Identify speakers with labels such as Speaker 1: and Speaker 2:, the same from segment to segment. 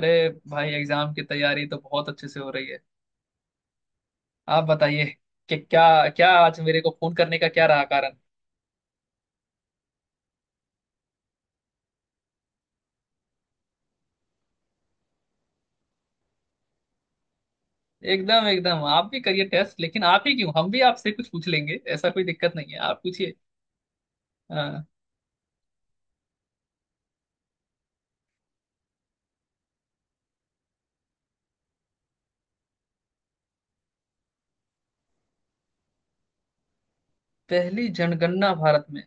Speaker 1: अरे भाई एग्जाम की तैयारी तो बहुत अच्छे से हो रही है। आप बताइए कि क्या क्या आज मेरे को फोन करने का क्या रहा कारण। एकदम एकदम, आप भी करिए टेस्ट। लेकिन आप ही क्यों, हम भी आपसे कुछ पूछ लेंगे। ऐसा कोई दिक्कत नहीं है, आप पूछिए। हाँ। पहली जनगणना भारत में।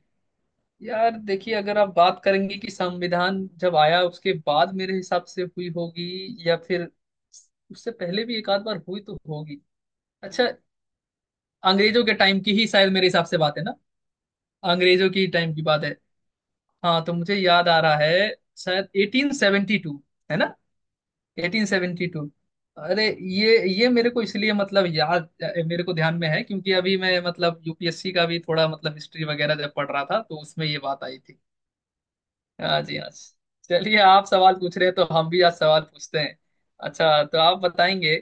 Speaker 1: यार देखिए, अगर आप बात करेंगे कि संविधान जब आया उसके बाद मेरे हिसाब से हुई होगी, या फिर उससे पहले भी एक आध बार हुई तो होगी। अच्छा। अंग्रेजों के टाइम की ही शायद मेरे हिसाब से बात है ना। अंग्रेजों की टाइम की बात है। हाँ, तो मुझे याद आ रहा है, शायद 1872। है ना? 1872। अरे ये मेरे को इसलिए मतलब याद, मेरे को ध्यान में है क्योंकि अभी मैं मतलब यूपीएससी का भी थोड़ा मतलब हिस्ट्री वगैरह जब पढ़ रहा था तो उसमें ये बात आई थी। हाँ जी, हाँ जी। चलिए आप सवाल पूछ रहे हैं तो हम भी आज सवाल पूछते हैं। अच्छा तो आप बताएंगे।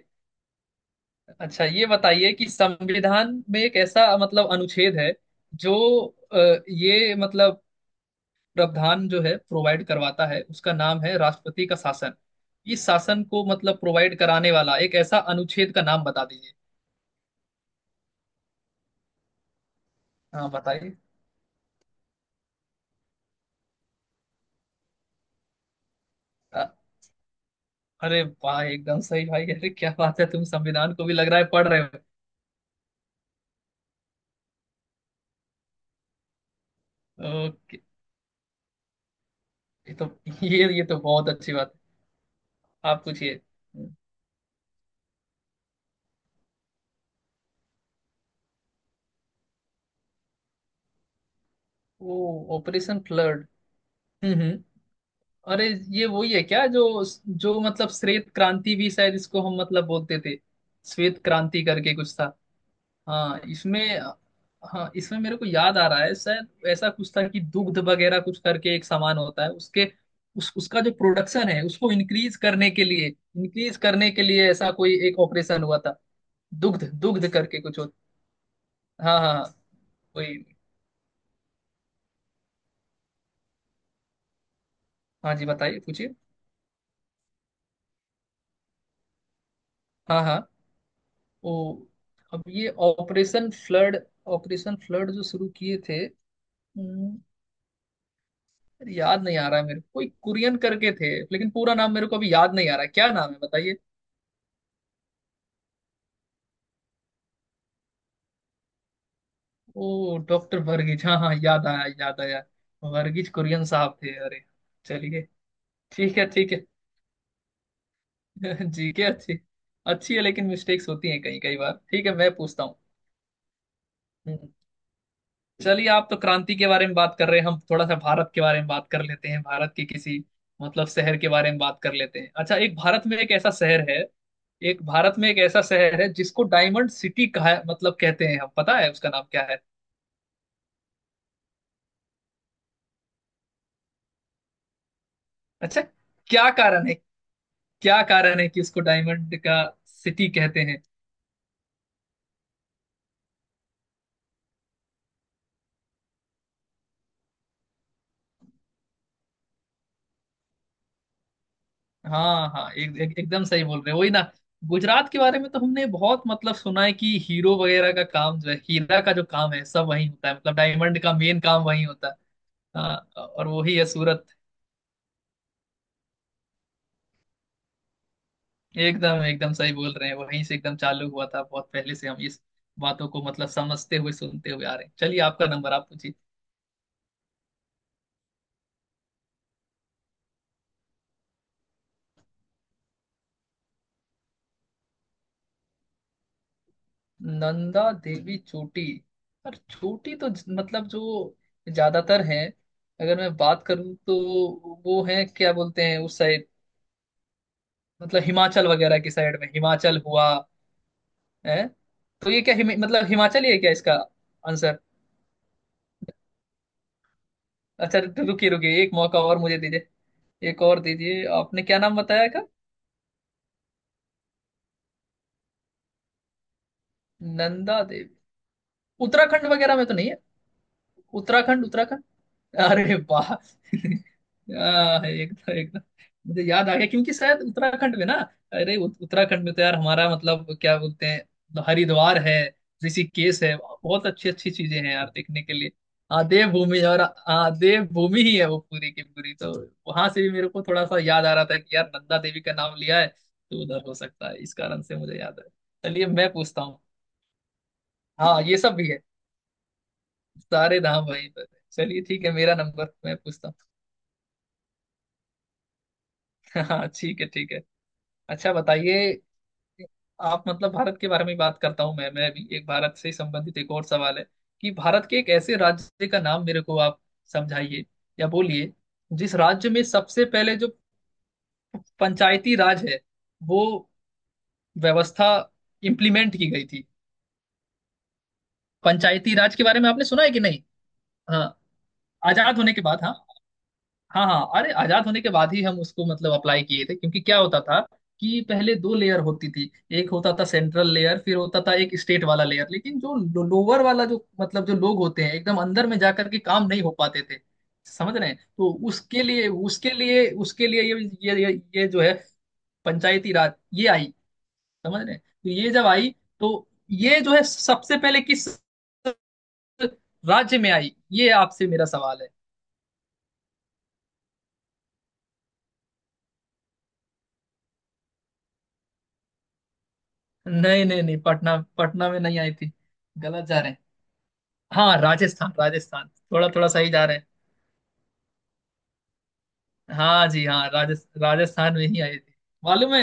Speaker 1: अच्छा ये बताइए कि संविधान में एक ऐसा मतलब अनुच्छेद है जो अ, ये मतलब प्रावधान जो है प्रोवाइड करवाता है, उसका नाम है राष्ट्रपति का शासन। इस शासन को मतलब प्रोवाइड कराने वाला एक ऐसा अनुच्छेद का नाम बता दीजिए। हाँ बताइए। अ- अरे वाह, एकदम सही भाई। अरे क्या बात है, तुम संविधान को भी लग रहा है पढ़ रहे हो। ओके। ये तो ये तो बहुत अच्छी बात है, आप पूछिए। ओ। Operation flood. हम्म हम्म। अरे ये वही है क्या जो जो मतलब श्वेत क्रांति भी शायद इसको हम मतलब बोलते थे। श्वेत क्रांति करके कुछ था। हाँ इसमें हाँ इसमें मेरे को याद आ रहा है, शायद ऐसा कुछ था कि दुग्ध वगैरह कुछ करके एक सामान होता है उसके, उस उसका जो प्रोडक्शन है, उसको इंक्रीज करने के लिए ऐसा कोई एक ऑपरेशन हुआ था। दुग्ध दुग्ध करके कुछ होता। हाँ हाँ हाँ, कोई। हाँ जी, बताइए पूछिए। हाँ हाँ। वो अब ये ऑपरेशन फ्लड जो शुरू किए थे। हम्म, याद नहीं आ रहा है मेरे को, कोई कुरियन करके थे लेकिन पूरा नाम मेरे को अभी याद नहीं आ रहा है। क्या नाम है बताइए। ओ, डॉक्टर वर्गीज। हाँ हाँ, याद आया याद आया। वर्गीज कुरियन साहब थे। अरे चलिए, ठीक है ठीक है। जीके अच्छी अच्छी है, लेकिन मिस्टेक्स होती हैं कई कई बार। ठीक है, मैं पूछता हूँ। हम्म, चलिए आप तो क्रांति के बारे में बात कर रहे हैं, हम थोड़ा सा भारत के बारे में बात कर लेते हैं। भारत के किसी मतलब शहर के बारे में बात कर लेते हैं। अच्छा एक भारत में एक ऐसा शहर है जिसको डायमंड सिटी कहा मतलब कहते हैं। हम पता है उसका नाम क्या है? अच्छा क्या कारण है क्या कारण है कि उसको डायमंड का सिटी कहते हैं? हाँ हाँ, एक, एक, एकदम सही बोल रहे हो वही ना। गुजरात के बारे में तो हमने बहुत मतलब सुना है कि हीरो वगैरह का काम जो है, हीरा का जो काम है, सब वही होता है। मतलब डायमंड का मेन काम वही होता है। हाँ, और वही है सूरत। एकदम एकदम सही बोल रहे हैं, वहीं से एकदम चालू हुआ था। बहुत पहले से हम इस बातों को मतलब समझते हुए सुनते हुए आ रहे हैं। चलिए आपका नंबर, आप पूछिए। नंदा देवी चोटी। और चोटी तो मतलब जो ज्यादातर हैं। अगर मैं बात करूं तो वो है क्या बोलते हैं उस साइड, मतलब हिमाचल वगैरह की साइड में, हिमाचल हुआ है। तो ये क्या मतलब हिमाचल ही है क्या इसका आंसर? अच्छा रुकिए रुकिए, एक मौका और मुझे दीजिए। एक और दीजिए। आपने क्या नाम बताया का? नंदा देवी। उत्तराखंड वगैरह में तो नहीं है? उत्तराखंड उत्तराखंड, अरे वाह एकदम एकदम। मुझे याद आ गया क्योंकि शायद उत्तराखंड में ना। अरे उत्तराखंड में तो यार हमारा मतलब क्या बोलते हैं, हरिद्वार है, ऋषिकेश है। बहुत अच्छी अच्छी चीजें हैं यार देखने के लिए। हाँ देवभूमि, और हाँ देवभूमि ही है वो पूरी की पूरी तो। वहां से भी मेरे को थोड़ा सा याद आ रहा था कि यार नंदा देवी का नाम लिया है तो उधर हो सकता है, इस कारण से मुझे याद है। चलिए मैं पूछता हूँ। हाँ ये सब भी है, सारे धाम वहीं पर है। चलिए ठीक है, मेरा नंबर मैं पूछता हूँ। हाँ ठीक है ठीक है। अच्छा बताइए। आप मतलब भारत के बारे में ही बात करता हूँ। मैं भी एक भारत से संबंधित एक और सवाल है कि भारत के एक ऐसे राज्य का नाम मेरे को आप समझाइए या बोलिए, जिस राज्य में सबसे पहले जो पंचायती राज है वो व्यवस्था इम्प्लीमेंट की गई थी। पंचायती राज के बारे में आपने सुना है कि नहीं? हाँ। आजाद होने के बाद। हाँ हाँ हाँ, अरे आजाद होने के बाद ही हम उसको मतलब अप्लाई किए थे क्योंकि क्या होता था कि पहले 2 लेयर होती थी। एक होता था सेंट्रल लेयर, फिर होता था एक स्टेट वाला लेयर। लेकिन जो लोअर वाला, जो मतलब जो लोग होते हैं एकदम अंदर में जाकर के काम नहीं हो पाते थे, समझ रहे हैं? तो उसके लिए ये ये, ये जो है पंचायती राज ये आई। समझ रहे हैं? तो ये जब आई, तो ये जो है सबसे पहले किस राज्य में आई, ये आपसे मेरा सवाल है। नहीं नहीं नहीं, पटना पटना में नहीं आई थी, गलत जा रहे हैं। हाँ राजस्थान राजस्थान, थोड़ा थोड़ा सही जा रहे हैं। हाँ जी, हाँ राजस्थान में ही आई थी। मालूम है,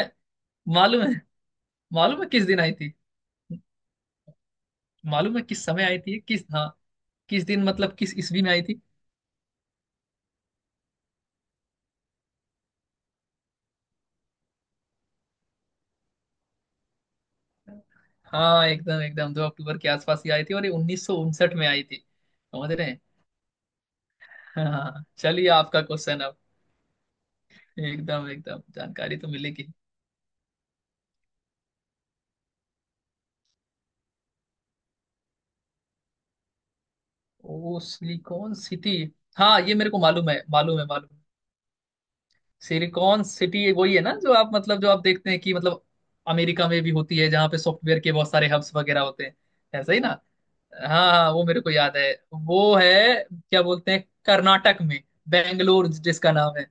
Speaker 1: मालूम है, मालूम है किस दिन आई थी। मालूम है किस समय आई थी, किस, हाँ, किस दिन मतलब किस ईस्वी में आई थी? हाँ एकदम एकदम, 2 अक्टूबर के आसपास ही आई थी और ये 1959 में आई थी, समझ रहे हैं। हाँ चलिए आपका क्वेश्चन अब। एकदम एकदम, जानकारी तो मिलेगी। ओ सिलिकॉन सिटी, हाँ ये मेरे को मालूम है मालूम है मालूम है। सिलिकॉन सिटी वही है ना जो आप मतलब जो आप देखते हैं कि मतलब अमेरिका में भी होती है, जहाँ पे सॉफ्टवेयर के बहुत सारे हब्स वगैरह होते हैं, ऐसा ही ना? हाँ हाँ वो मेरे को याद है। वो है क्या बोलते हैं, कर्नाटक में बेंगलोर जिसका नाम है।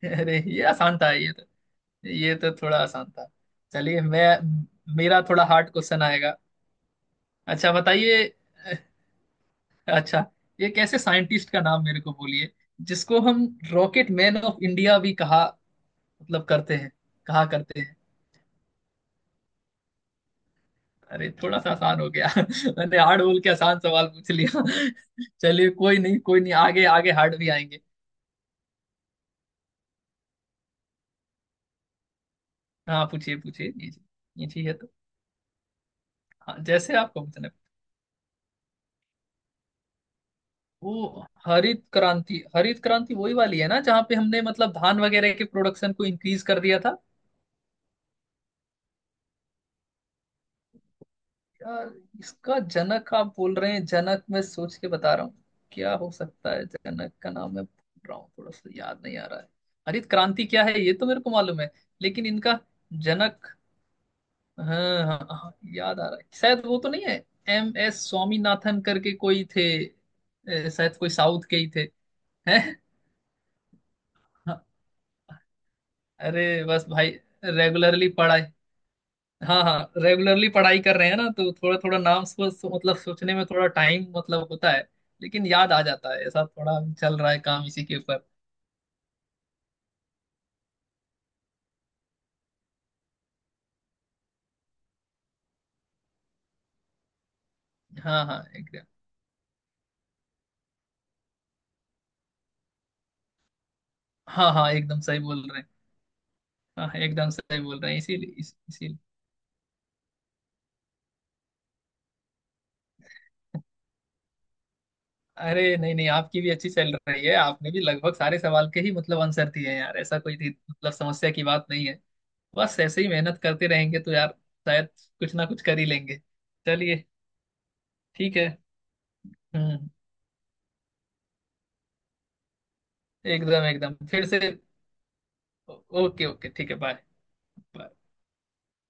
Speaker 1: अरे ये आसान था, ये तो थोड़ा आसान था। चलिए मैं मेरा थोड़ा हार्ड क्वेश्चन आएगा। अच्छा बताइए। अच्छा ये कैसे साइंटिस्ट का नाम मेरे को बोलिए जिसको हम रॉकेट मैन ऑफ इंडिया भी कहा मतलब करते हैं, कहा करते हैं। अरे थोड़ा सा आसान हो गया। मैंने हार्ड बोल के आसान सवाल पूछ लिया। चलिए कोई नहीं कोई नहीं, आगे आगे हार्ड भी आएंगे। हाँ पूछिए पूछिए जी जी, ये चाहिए तो। हाँ जैसे आपको पूछना है। वो हरित क्रांति वही वाली है ना जहाँ पे हमने मतलब धान वगैरह के प्रोडक्शन को इंक्रीज कर दिया था। यार इसका जनक आप बोल रहे हैं, जनक मैं सोच के बता रहा हूँ क्या हो सकता है। जनक का नाम मैं भूल रहा हूँ, थोड़ा सा याद नहीं आ रहा है। हरित क्रांति क्या है ये तो मेरे को मालूम है, लेकिन इनका जनक, हाँ हाँ हाँ, याद आ रहा है, शायद वो तो नहीं है। एम एस स्वामीनाथन करके कोई थे, शायद कोई साउथ के ही थे। हैं। हाँ, अरे बस भाई रेगुलरली पढ़ाई हाँ हाँ रेगुलरली पढ़ाई कर रहे हैं ना, तो थोड़ा थोड़ा नाम सोच मतलब सोचने में थोड़ा टाइम मतलब होता है, लेकिन याद आ जाता है। ऐसा थोड़ा चल रहा है काम इसी के ऊपर। हाँ हाँ एकदम। हाँ हाँ एकदम सही बोल रहे हैं। हाँ एकदम सही बोल रहे हैं, इसीलिए इसीलिए। अरे नहीं नहीं, आपकी भी अच्छी चल रही है। आपने भी लगभग सारे सवाल के ही मतलब आंसर दिए हैं यार, ऐसा कोई मतलब समस्या की बात नहीं है। बस ऐसे ही मेहनत करते रहेंगे तो यार शायद कुछ ना कुछ कर ही लेंगे। चलिए ठीक है। हम्म। एकदम एकदम, फिर से। ओके ओके, ठीक है बाय।